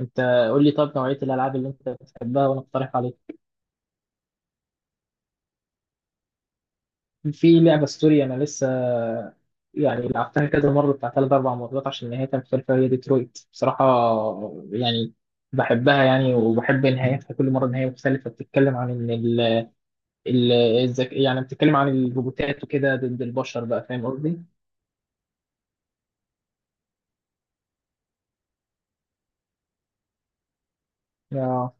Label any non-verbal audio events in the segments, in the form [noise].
انت، قول لي طب نوعية الالعاب اللي انت بتحبها، وانا اقترح عليك. في لعبة سوري انا لسه يعني لعبتها كذا مرة، بتاع ثلاث اربع مرات، عشان نهايتها مختلفة، هي ديترويت بصراحة يعني. بحبها يعني، وبحب نهايتها كل مرة نهاية مختلفة. بتتكلم عن ان يعني بتتكلم عن الروبوتات وكده ضد البشر بقى. فاهم قصدي؟ آه.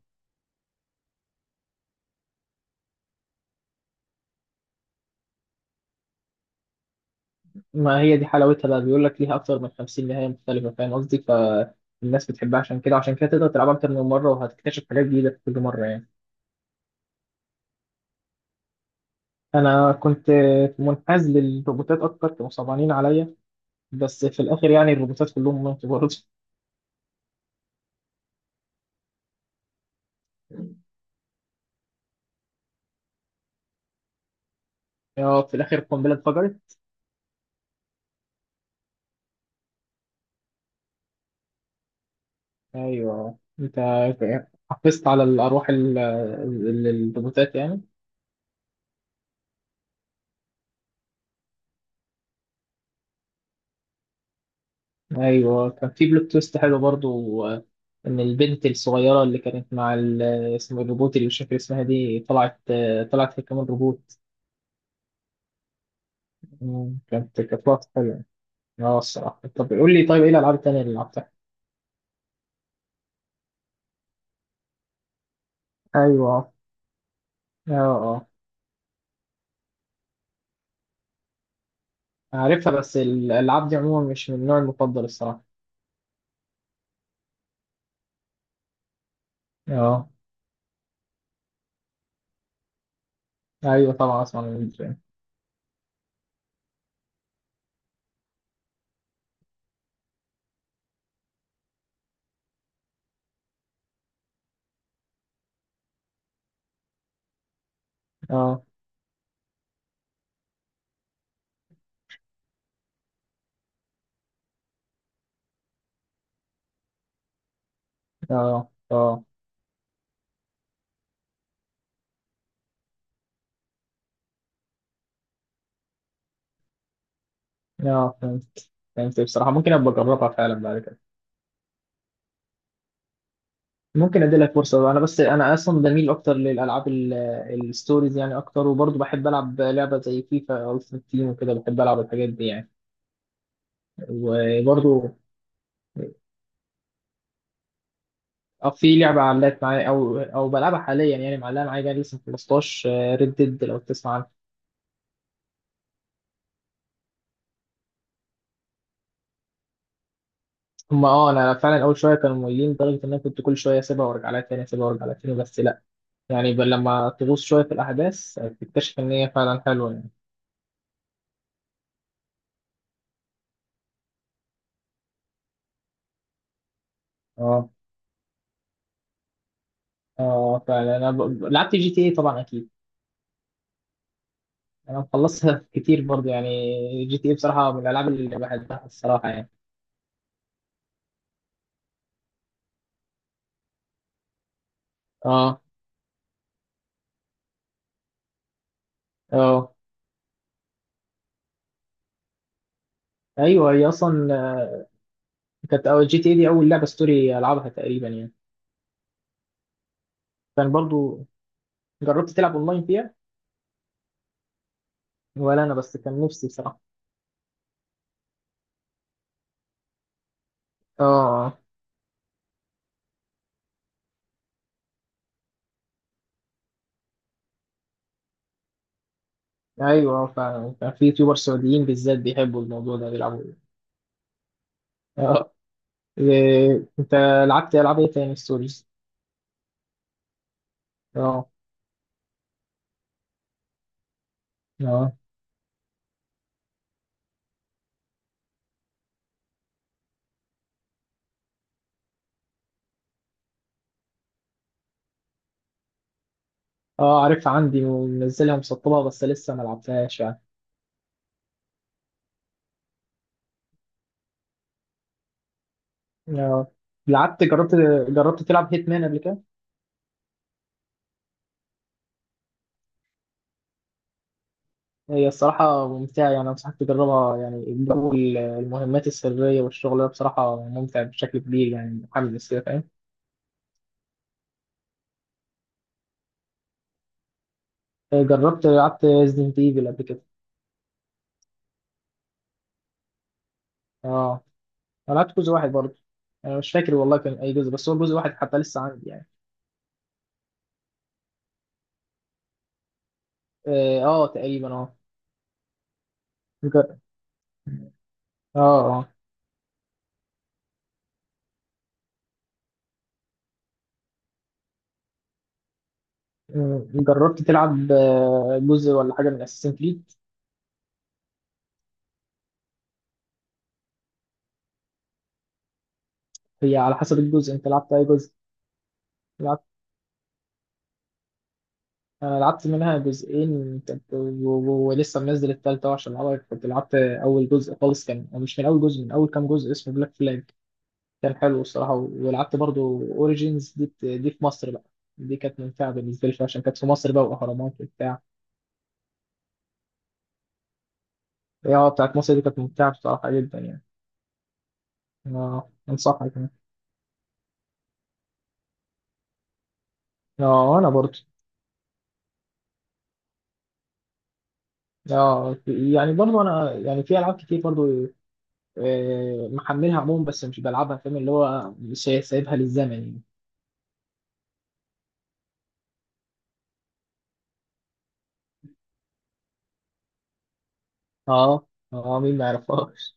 ما هي دي حلاوتها بقى، بيقول لك ليها اكتر من 50 نهاية مختلفة. فاهم قصدي؟ فالناس بتحبها عشان كده، عشان كده تقدر تلعبها اكتر من مرة، وهتكتشف حاجات جديدة في كل مرة يعني. انا كنت منحاز للروبوتات اكتر، كانوا صعبانين عليا. بس في الاخر يعني الروبوتات كلهم ماتوا برضه. [laughs] اه، في الاخر القنبله اتفجرت. ايوه، انت حفظت على الارواح الروبوتات يعني. ايوه، كان في بلوت تويست حلو برضو، ان البنت الصغيره اللي كانت مع اسم الروبوت اللي مش فاكر اسمها دي طلعت، طلعت هي كمان روبوت. كانت لقطه حلوه. اه، الصراحه. طب قول لي طيب، ايه الالعاب التانيه اللي لعبتها؟ ايوه، اه، اه، عارفها بس الألعاب دي عموما مش من النوع المفضل الصراحة. اه، أيوه طبعا أسمع من الدرين. اه، اه، اه، اه، فهمت فهمت بصراحة ممكن أبقى أجربها فعلا بعد كده. ممكن أدي لك فرصة بقى. أنا بس أنا أصلا بميل أكتر للألعاب الستوريز يعني أكتر، وبرضه بحب ألعب لعبة زي فيفا ألتيمت تيم وكده. بحب ألعب الحاجات دي يعني. وبرضه، في لعبة علقت معايا، أو بلعبها حاليا يعني معلقة معايا بقى لسه. 15 ريد ديد لو تسمع عنها. هما اه انا فعلا اول شويه كانوا مميزين لدرجه ان انا كنت كل شويه اسيبها وارجع لها تاني، اسيبها وارجع لها تاني. بس لا يعني لما تغوص شويه في الاحداث تكتشف ان هي فعلا حلوه يعني. اه، اه، فعلا انا لعبت جي تي اي طبعا اكيد. انا مخلصها [laughs] كتير برضه يعني. جي تي اي بصراحه من الالعاب اللي بحبها الصراحه يعني. اه، اه، ايوه، هي اصلا كانت اول جي تي اي. دي اول لعبه ستوري العبها تقريبا يعني. كان برضه، جربت تلعب اونلاين فيها؟ ولا انا، بس كان نفسي بصراحه. اه، ايوه، فعلا كان في يوتيوبر سعوديين بالذات بيحبوا الموضوع ده بيلعبوا بيه. اه، إيه، انت لعبت العاب ايه تاني ستوريز؟ اه، اه، اه، عارفها عندي ومنزلها مسطبها بس لسه ما لعبتهاش يعني. اه، لعبت جربت جربت تلعب هيتمان قبل كده؟ هي الصراحة ممتعة يعني، أنصحك تجربها. يعني جو المهمات السرية والشغل ده بصراحة ممتع بشكل كبير يعني، محمد السيف. فاهم؟ آه، جربت لعبت ريزدنت ايفل قبل كده. اه، انا لعبت جزء واحد برضه. انا مش فاكر والله كان اي جزء، بس هو جزء واحد حتى لسه عندي يعني. اه، تقريبا. اه. جر- اه اه جربت تلعب جزء ولا حاجه من اساسن كريد؟ هي على حسب الجزء، انت لعبت اي جزء؟ لعبت انا لعبت منها جزئين ولسه منزل التالتة أهو عشان العبها. كنت لعبت اول جزء خالص، كان أو مش من اول جزء، من اول كام جزء اسمه بلاك فلاج. كان حلو الصراحه. ولعبت برضه اوريجينز دي في مصر بقى. دي كانت ممتعه بالنسبه لي شوية عشان كانت في مصر بقى، واهرامات وبتاع. هي بتاعت مصر، دي كانت ممتعة بصراحة جدا يعني. اه، انصحك يعني. اه، انا برضو. اه، يعني برضو انا يعني في العاب كتير برضو، محملها عموما بس مش بلعبها. فاهم، اللي هو مش سايبها للزمن يعني. اه، اه، مين ما يعرفهاش.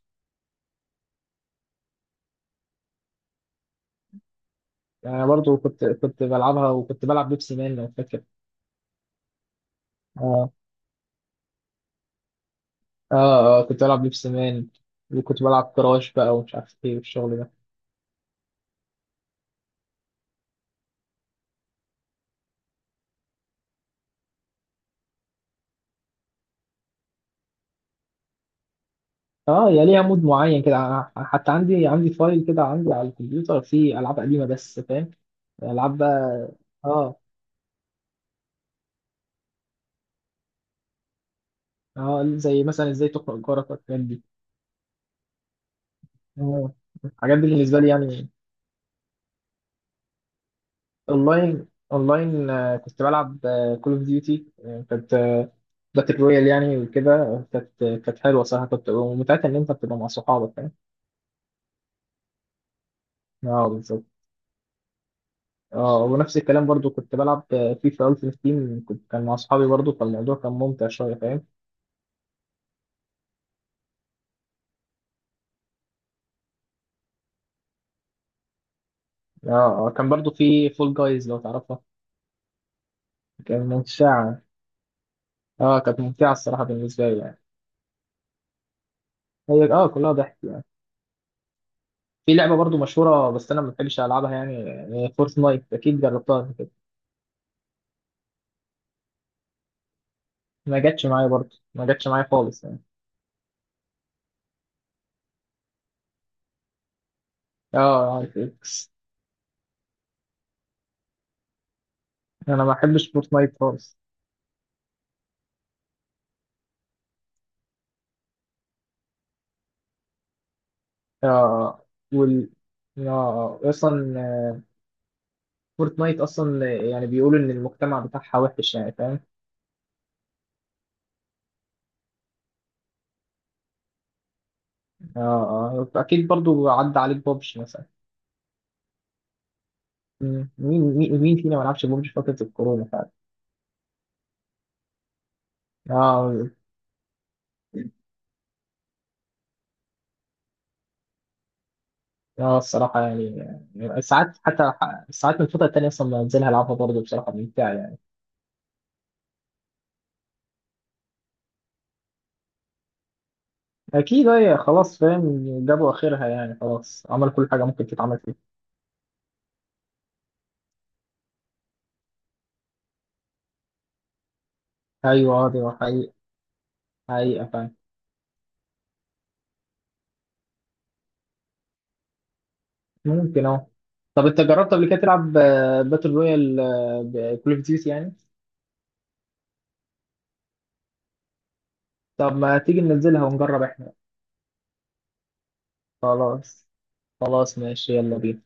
يعني انا برضو كنت بلعبها، وكنت بلعب بيبسي مان لو فاكر. اه، اه، كنت بلعب بيبسي مان. وكنت بلعب كراش بقى ومش عارف ايه والشغل ده. اه، يا ليها مود معين كده. أنا حتى عندي فايل كده، عندي على الكمبيوتر فيه العاب قديمه، بس فاهم. العاب بقى. اه، اه، زي مثلا ازاي تقرا جارك والحاجات دي. آه، الحاجات دي بالنسبه لي يعني. اونلاين اونلاين، كنت بلعب كول اوف ديوتي. كانت باتل رويال يعني وكده. كانت حلوه صراحه كنت، ومتعتها ان انت بتبقى مع صحابك. فاهم؟ اه، بالظبط. اه، ونفس الكلام برضو كنت بلعب فيفا التيمت تيم، كان مع صحابي برضو، فالموضوع كان ممتع شويه. فاهم؟ اه، كان برضو في فول جايز لو تعرفها. كانت ممتعة. اه، كانت ممتعة الصراحة بالنسبة لي يعني. هي كلها ضحك يعني. في لعبة برضو مشهورة بس أنا ما بحبش ألعبها يعني، فورتنايت. أكيد جربتها قبل كده. ما جاتش معايا برضو، ما جاتش معايا خالص يعني. اه، اه، إكس. أنا ما بحبش فورتنايت خالص. اه، آه. وال اه آه. أصلا فورتنايت أصلا يعني بيقولوا إن المجتمع بتاعها وحش يعني. فاهم؟ اه، اه، أكيد برضو عدى عليك بابجي مثلا. مين فينا ما لعبش ببجي في فترة الكورونا فعلا. اه، اه، الصراحة يعني. يعني ساعات، حتى ساعات من الفترة التانية أصلا بنزلها ألعبها برضه، بصراحة ممتعة يعني. أكيد، هي خلاص فاهم، جابوا آخرها يعني خلاص، عملوا كل حاجة ممكن تتعمل فيها. أيوه، دي حقيقة. حقيقة فعلا. ممكن. طب أنت جربت قبل كده تلعب باتل رويال بكول أوف ديوتي يعني؟ طب ما تيجي ننزلها ونجرب إحنا؟ خلاص، خلاص ماشي يلا بينا.